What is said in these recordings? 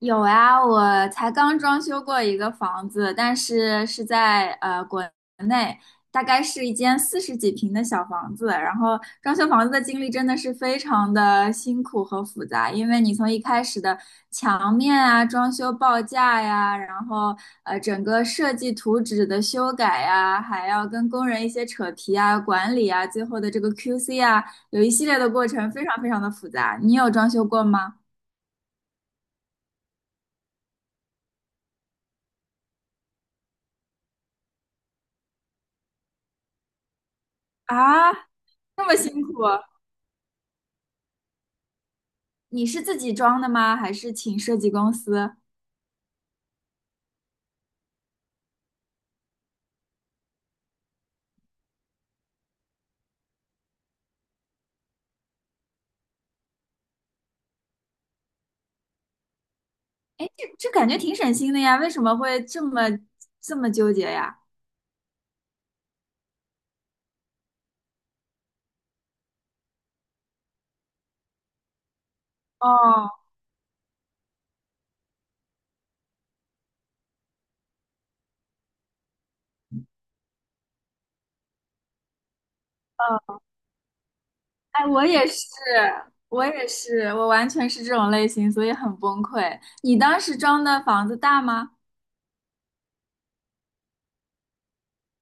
有啊，我才刚装修过一个房子，但是是在国内，大概是一间四十几平的小房子。然后装修房子的经历真的是非常的辛苦和复杂，因为你从一开始的墙面啊、装修报价呀，然后整个设计图纸的修改呀，还要跟工人一些扯皮啊、管理啊，最后的这个 QC 啊，有一系列的过程，非常非常的复杂。你有装修过吗？啊，这么辛苦啊。你是自己装的吗？还是请设计公司？哎，这感觉挺省心的呀，为什么会这么纠结呀？哦，呃，哎，我也是，我也是，我完全是这种类型，所以很崩溃。你当时装的房子大吗？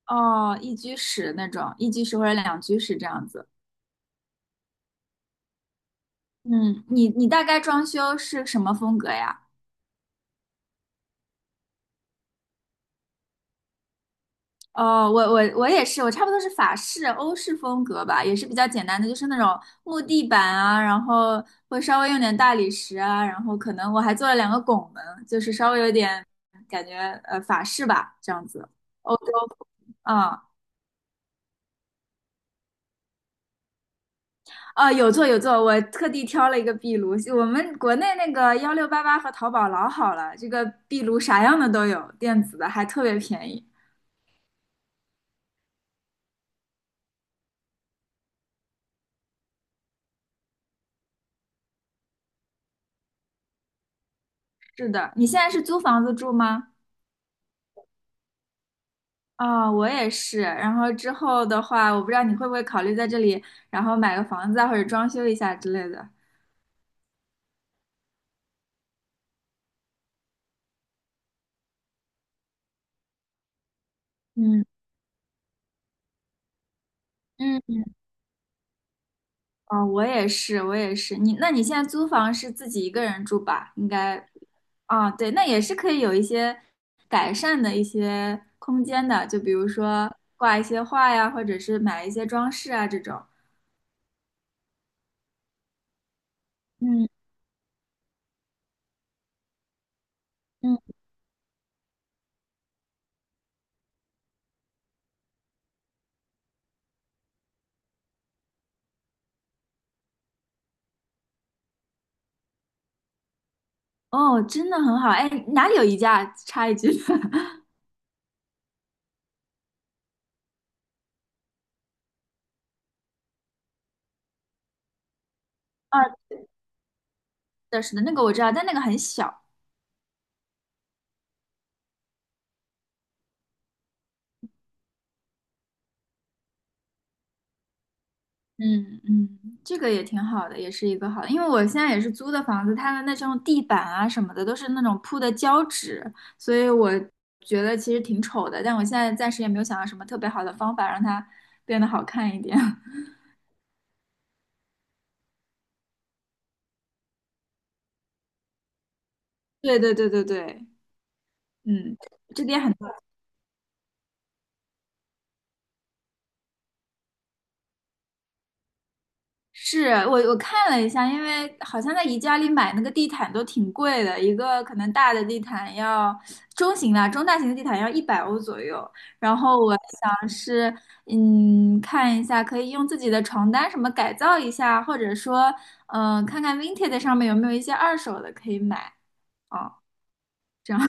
哦，一居室那种，一居室或者两居室这样子。嗯，你大概装修是什么风格呀？哦，我也是，我差不多是法式、欧式风格吧，也是比较简单的，就是那种木地板啊，然后会稍微用点大理石啊，然后可能我还做了两个拱门，就是稍微有点感觉法式吧，这样子，欧洲风，嗯，啊，有做有做，我特地挑了一个壁炉，我们国内那个1688和淘宝老好了，这个壁炉啥样的都有，电子的还特别便宜。是的，你现在是租房子住吗？啊，我也是。然后之后的话，我不知道你会不会考虑在这里，然后买个房子啊，或者装修一下之类的。嗯嗯嗯，哦，我也是，我也是。你，那你现在租房是自己一个人住吧？应该，哦，对，那也是可以有一些改善的一些空间的，就比如说挂一些画呀，或者是买一些装饰啊这种。嗯嗯，哦，真的很好。哎，哪里有宜家？插一句。啊，是的，是的，那个我知道，但那个很小。嗯嗯，这个也挺好的，也是一个好的因为我现在也是租的房子，它的那种地板啊什么的都是那种铺的胶纸，所以我觉得其实挺丑的，但我现在暂时也没有想到什么特别好的方法让它变得好看一点。对对对对对，嗯，这边很。是我看了一下，因为好像在宜家里买那个地毯都挺贵的，一个可能大的地毯要中型的、中大型的地毯要100欧左右。然后我想是，嗯，看一下可以用自己的床单什么改造一下，或者说，嗯、看看 Vinted 上面有没有一些二手的可以买哦，这样。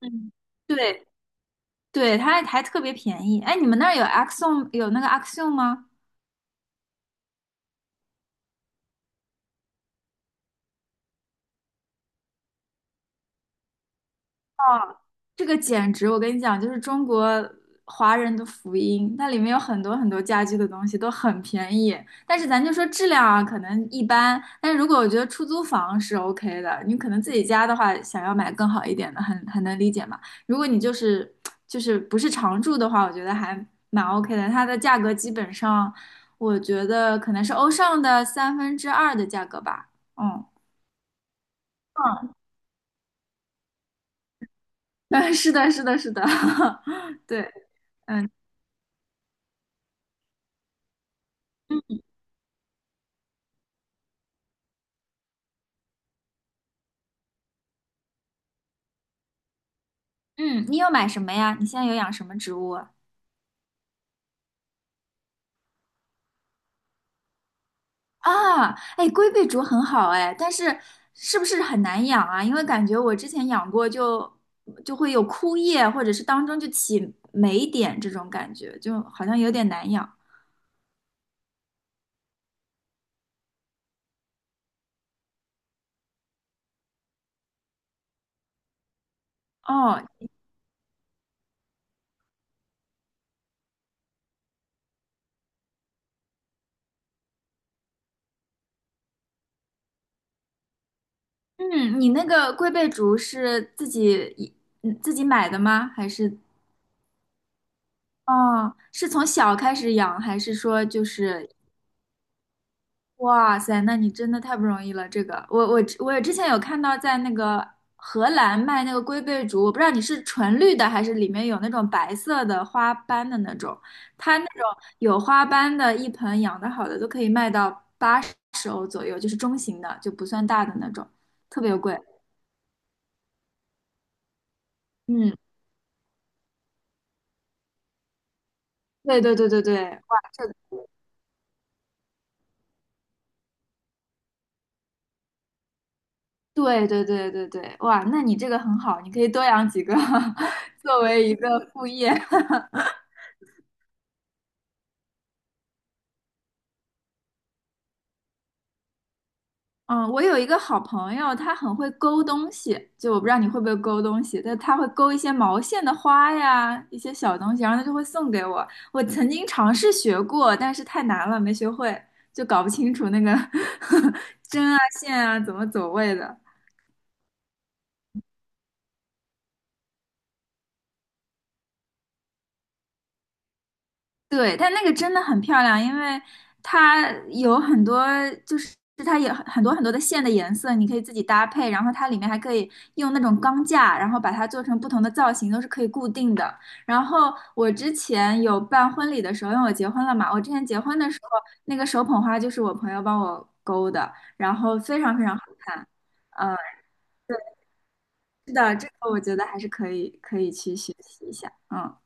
嗯，对对，它还特别便宜。哎，你们那儿有 Axiom 有那个 Axiom 吗？这个简直，我跟你讲，就是中国华人的福音。它里面有很多很多家居的东西都很便宜，但是咱就说质量啊，可能一般。但是如果我觉得出租房是 OK 的，你可能自己家的话，想要买更好一点的，很能理解嘛。如果你就是不是常住的话，我觉得还蛮 OK 的。它的价格基本上，我觉得可能是欧尚的三分之二的价格吧。嗯，嗯，是的，是的，是的，对。嗯，你有买什么呀？你现在有养什么植物啊？啊，哎，龟背竹很好哎，但是是不是很难养啊？因为感觉我之前养过就，就会有枯叶，或者是当中就起霉点这种感觉，就好像有点难养。哦，嗯，你那个龟背竹是自己自己买的吗？还是哦，是从小开始养，还是说就是哇塞，那你真的太不容易了。这个，我之前有看到在那个荷兰卖那个龟背竹，我不知道你是纯绿的还是里面有那种白色的花斑的那种。它那种有花斑的，一盆养得好的都可以卖到80欧左右，就是中型的，就不算大的那种，特别贵。嗯，对对对对对，哇，这对对对对对，哇，那你这个很好，你可以多养几个 作为一个副业。嗯，我有一个好朋友，他很会勾东西，就我不知道你会不会勾东西，但他会勾一些毛线的花呀，一些小东西，然后他就会送给我。我曾经尝试学过，但是太难了，没学会，就搞不清楚那个 针啊线啊怎么走位的。对，但那个真的很漂亮，因为它有很多，就是它有很多很多的线的颜色，你可以自己搭配，然后它里面还可以用那种钢架，然后把它做成不同的造型，都是可以固定的。然后我之前有办婚礼的时候，因为我结婚了嘛，我之前结婚的时候，那个手捧花就是我朋友帮我勾的，然后非常非常好看。嗯，是的，这个我觉得还是可以去学习一下。嗯。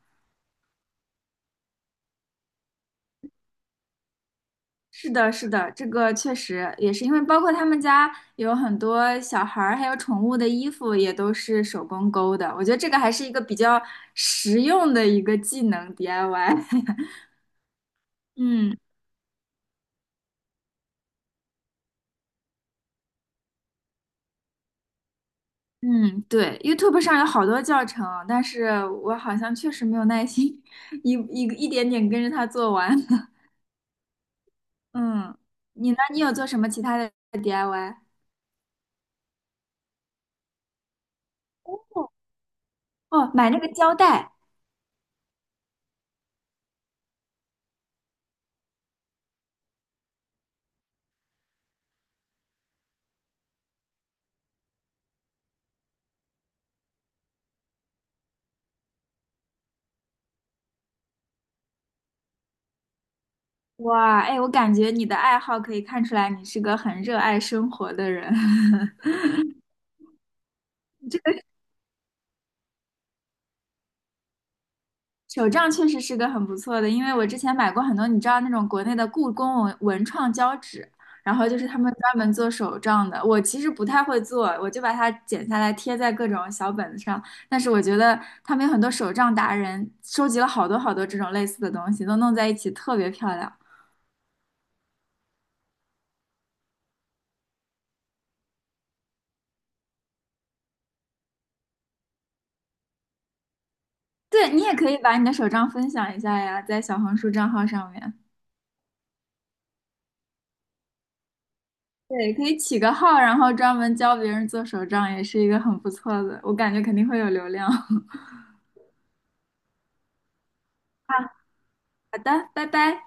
是的，是的，这个确实也是因为包括他们家有很多小孩儿还有宠物的衣服也都是手工勾的，我觉得这个还是一个比较实用的一个技能 DIY。嗯嗯，对，YouTube 上有好多教程，但是我好像确实没有耐心 一点点跟着他做完。嗯，你呢？你有做什么其他的 DIY?哦，哦买那个胶带，哇，哎，我感觉你的爱好可以看出来你是个很热爱生活的人。手账确实是个很不错的，因为我之前买过很多，你知道那种国内的故宫文创胶纸，然后就是他们专门做手账的。我其实不太会做，我就把它剪下来贴在各种小本子上。但是我觉得他们有很多手账达人，收集了好多好多这种类似的东西，都弄在一起特别漂亮。对，你也可以把你的手账分享一下呀，在小红书账号上面。对，可以起个号，然后专门教别人做手账，也是一个很不错的，我感觉肯定会有流量。好的，拜拜。